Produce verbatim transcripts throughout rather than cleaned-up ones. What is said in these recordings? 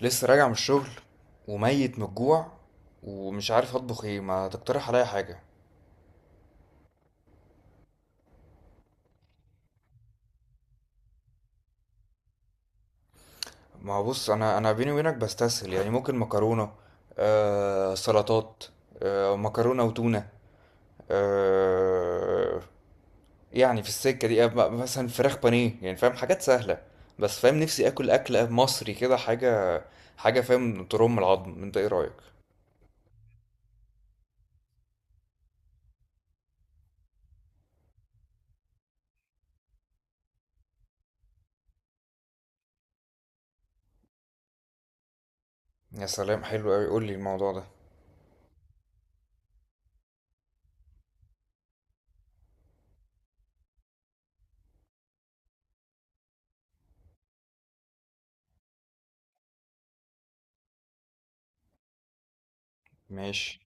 لسه راجع من الشغل وميت من الجوع ومش عارف اطبخ ايه؟ ما تقترح عليا حاجه؟ ما هو بص، انا انا بيني وبينك بستسهل، يعني ممكن مكرونه، آه سلطات، آه مكرونه وتونه. آه يعني في السكه دي آه، م- مثلا فراخ بانيه، يعني فاهم، حاجات سهله. بس فاهم نفسي اكل، اكل مصري كده حاجه، حاجه فاهم ترم العظم. انت ايه رايك؟ يا سلام، حلو قوي، قول لي الموضوع ده. ماشي.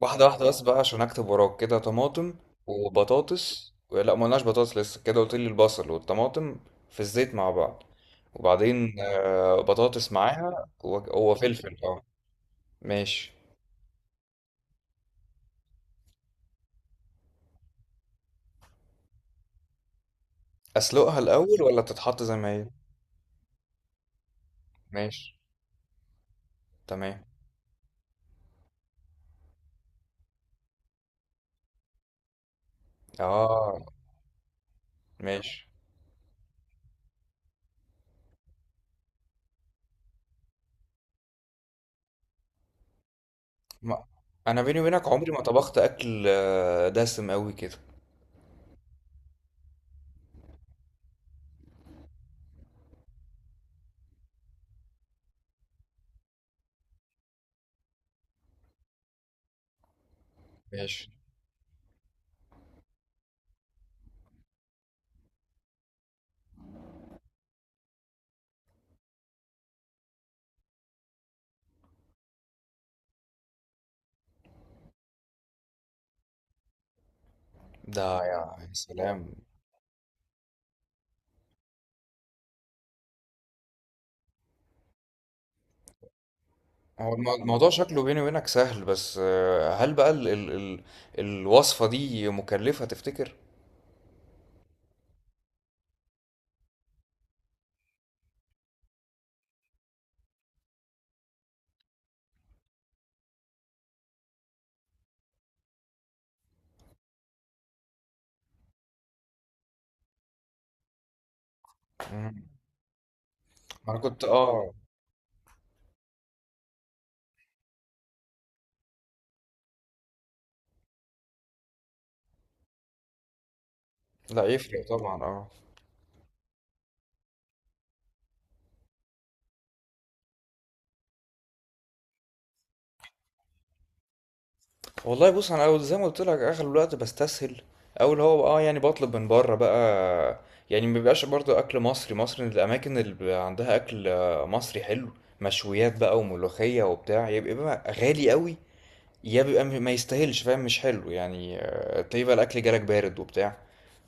واحدة واحدة بس بقى، عشان أكتب وراك كده، طماطم وبطاطس. لا، مقلناش بطاطس لسه، كده قلت لي البصل والطماطم في الزيت مع بعض. وبعدين آه، بطاطس معاها و- وفلفل، اه. ماشي. أسلقها الأول ولا تتحط زي ما هي؟ ماشي، تمام. اه، ماشي. ما. أنا بيني وبينك عمري ما طبخت أكل آه، دسم أوي كده. ماشي. ده يا يا سلام. هو الم- الموضوع شكله بيني وبينك سهل، بس آه، هل بقى ال ال ال الوصفة دي مكلفة تفتكر؟ مم. ما انا كنت اه. لا يفرق طبعا، اه. والله بص، انا أول- زي ما قلت لك اغلب الوقت بستسهل، او اللي هو اه، يعني بطلب من بره بقى. يعني ما بيبقاش برضه اكل مصري. مصر الاماكن اللي بيبقى عندها اكل آه، مصري حلو، مشويات بقى وملوخية وبتاع، يبقى بقى غالي قوي، يا بيبقى م- ما يستاهلش، فاهم؟ مش حلو يعني، آه، تلاقيه بقى الاكل جالك بارد وبتاع.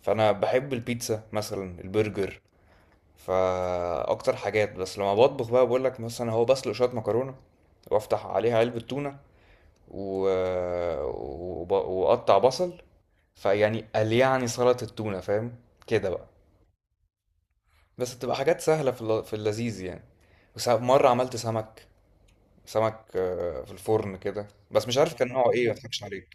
فانا بحب البيتزا مثلا، البرجر، فاكتر حاجات. بس لما بطبخ بقى بقول لك، مثلا هو بسلق شويه مكرونه وافتح عليها علبه تونه و... وب... واقطع بصل، فيعني قال يعني سلطه التونه، فاهم كده بقى. بس بتبقى حاجات سهله في، الل... في اللذيذ يعني. وسا- مره عملت سمك، سمك آه، في الفرن كده، بس مش عارف كان نوعه ايه، ما تضحكش عليه.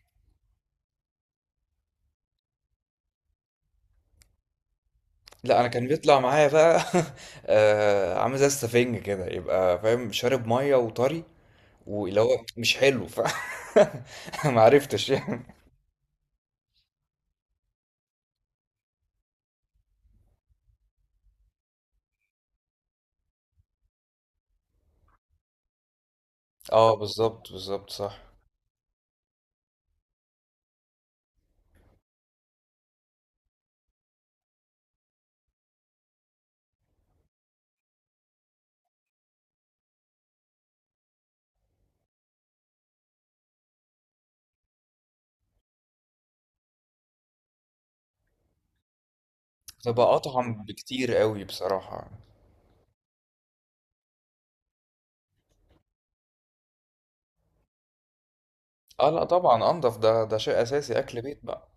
لا، انا كان بيطلع معايا بقى آه، عامل زي السفنج كده، يبقى فاهم، شارب ميه وطري، واللي هو مش حلو. ف ما عرفتش يعني. اه، بالظبط بالظبط، صح. تبقى اطعم بكتير قوي بصراحه. اه، لا طبعا انضف، ده ده شيء اساسي، اكل بيت بقى.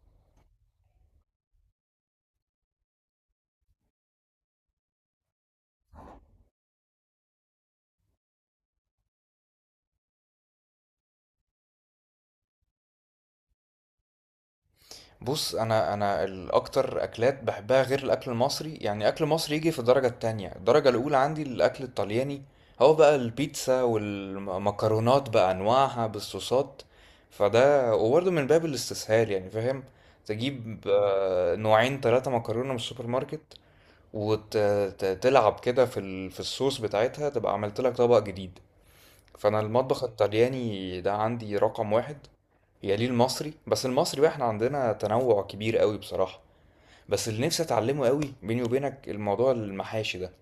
بص، انا انا الاكتر اكلات بحبها غير الاكل المصري، يعني اكل مصري يجي في الدرجه التانية. الدرجه الاولى عندي الاكل الطلياني، هو بقى البيتزا والمكرونات بانواعها بالصوصات، فده وبرضه من باب الاستسهال يعني، فاهم؟ تجيب آه، نوعين ثلاثه مكرونه من السوبر ماركت، وتلعب كده في ال- في الصوص بتاعتها، تبقى عملت لك طبق جديد. فانا المطبخ الطلياني ده عندي رقم واحد، يليه المصري. بس المصري بقى احنا عندنا تنوع كبير قوي بصراحة. بس اللي نفسي اتعلمه قوي بيني وبينك الموضوع المحاشي ده.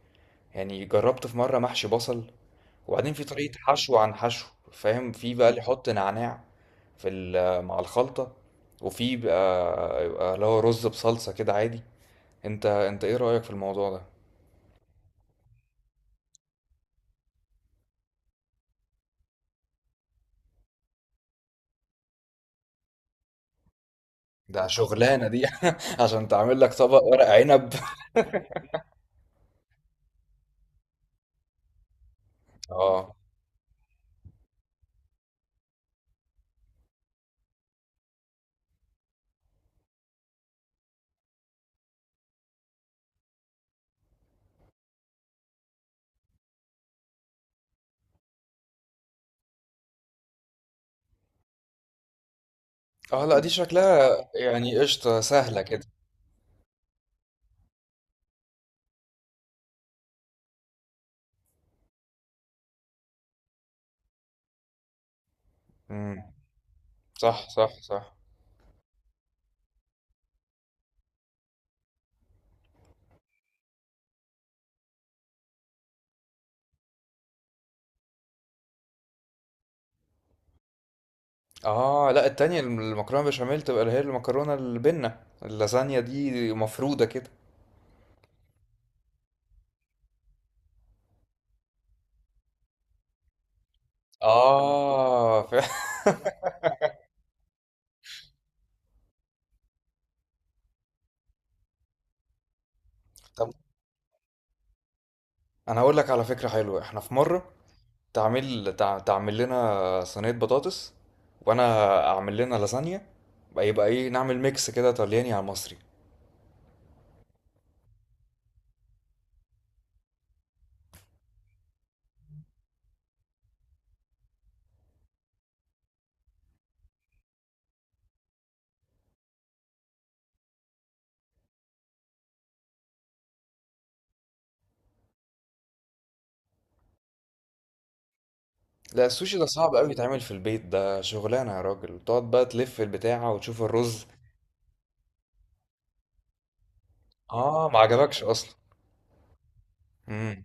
يعني جربت في مرة محشي بصل، وبعدين في طريقة حشو عن حشو، فاهم؟ في بقى اللي يحط نعناع في ال- مع الخلطة، وفي بقى يبقى اللي هو رز بصلصة كده عادي. انت انت ايه رأيك في الموضوع ده؟ ده شغلانة دي عشان تعمل لك طبق ورق عنب. اه. اه، لا دي شكلها يعني قشطة، سهلة كده. امم. صح صح صح. اه، لا التانية المكرونة بشاميل تبقى اللي هي المكرونة البنة، اللازانيا دي مفرودة كده. اه فعلا. طب انا هقول لك على فكرة حلوة، احنا في مرة تعمل تع- تعمل لنا صينية بطاطس، وانا اعمل لنا لازانيا بقى، يبقى ايه، نعمل ميكس كده طلياني على مصري. لا السوشي ده صعب قوي يتعمل في البيت، ده شغلانة يا راجل، تقعد بقى تلف البتاعة وتشوف الرز. اه، ما عجبكش اصلا. امم.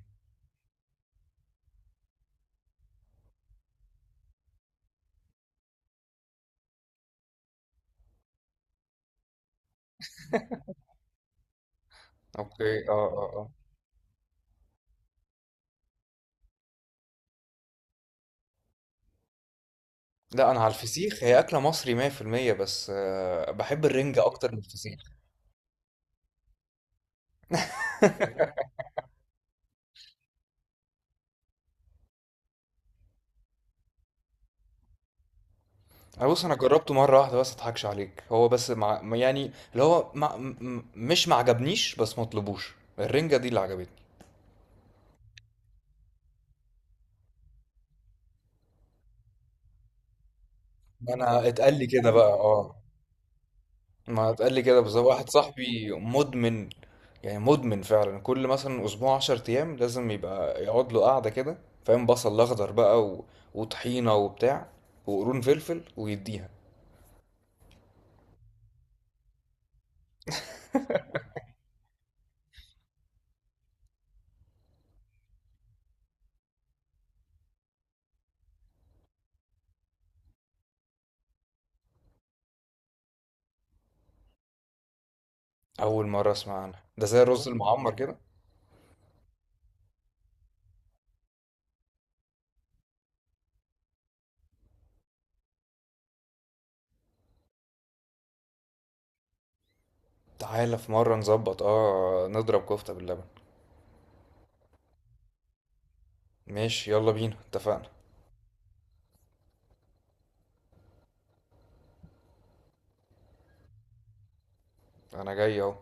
اوكي، اه اه اه. لا، انا على الفسيخ، هي اكله مصري مية في المية، بس آه، بحب الرنجة اكتر من الفسيخ. انا بص، انا جربته مره واحده بس، اضحكش عليك، هو بس مع ما يعني اللي هو مع... م- م- مش معجبنيش، بس مطلبوش، الرنجة دي اللي عجبتني. انا اتقال لي كده بقى، اه، ما اتقال لي كده بالظبط. واحد صاحبي مدمن، يعني مدمن فعلا، كل مثلا اسبوع عشر ايام لازم يبقى يقعد له قعده كده، فاهم، بصل اخضر بقى و... وطحينه وبتاع وقرون فلفل ويديها. اول مره اسمع عنها، ده زي الرز أول مرة المعمر كده. تعالى في مره نظبط، اه، نضرب كفته باللبن. ماشي، يلا بينا، اتفقنا. انا جاي اهو.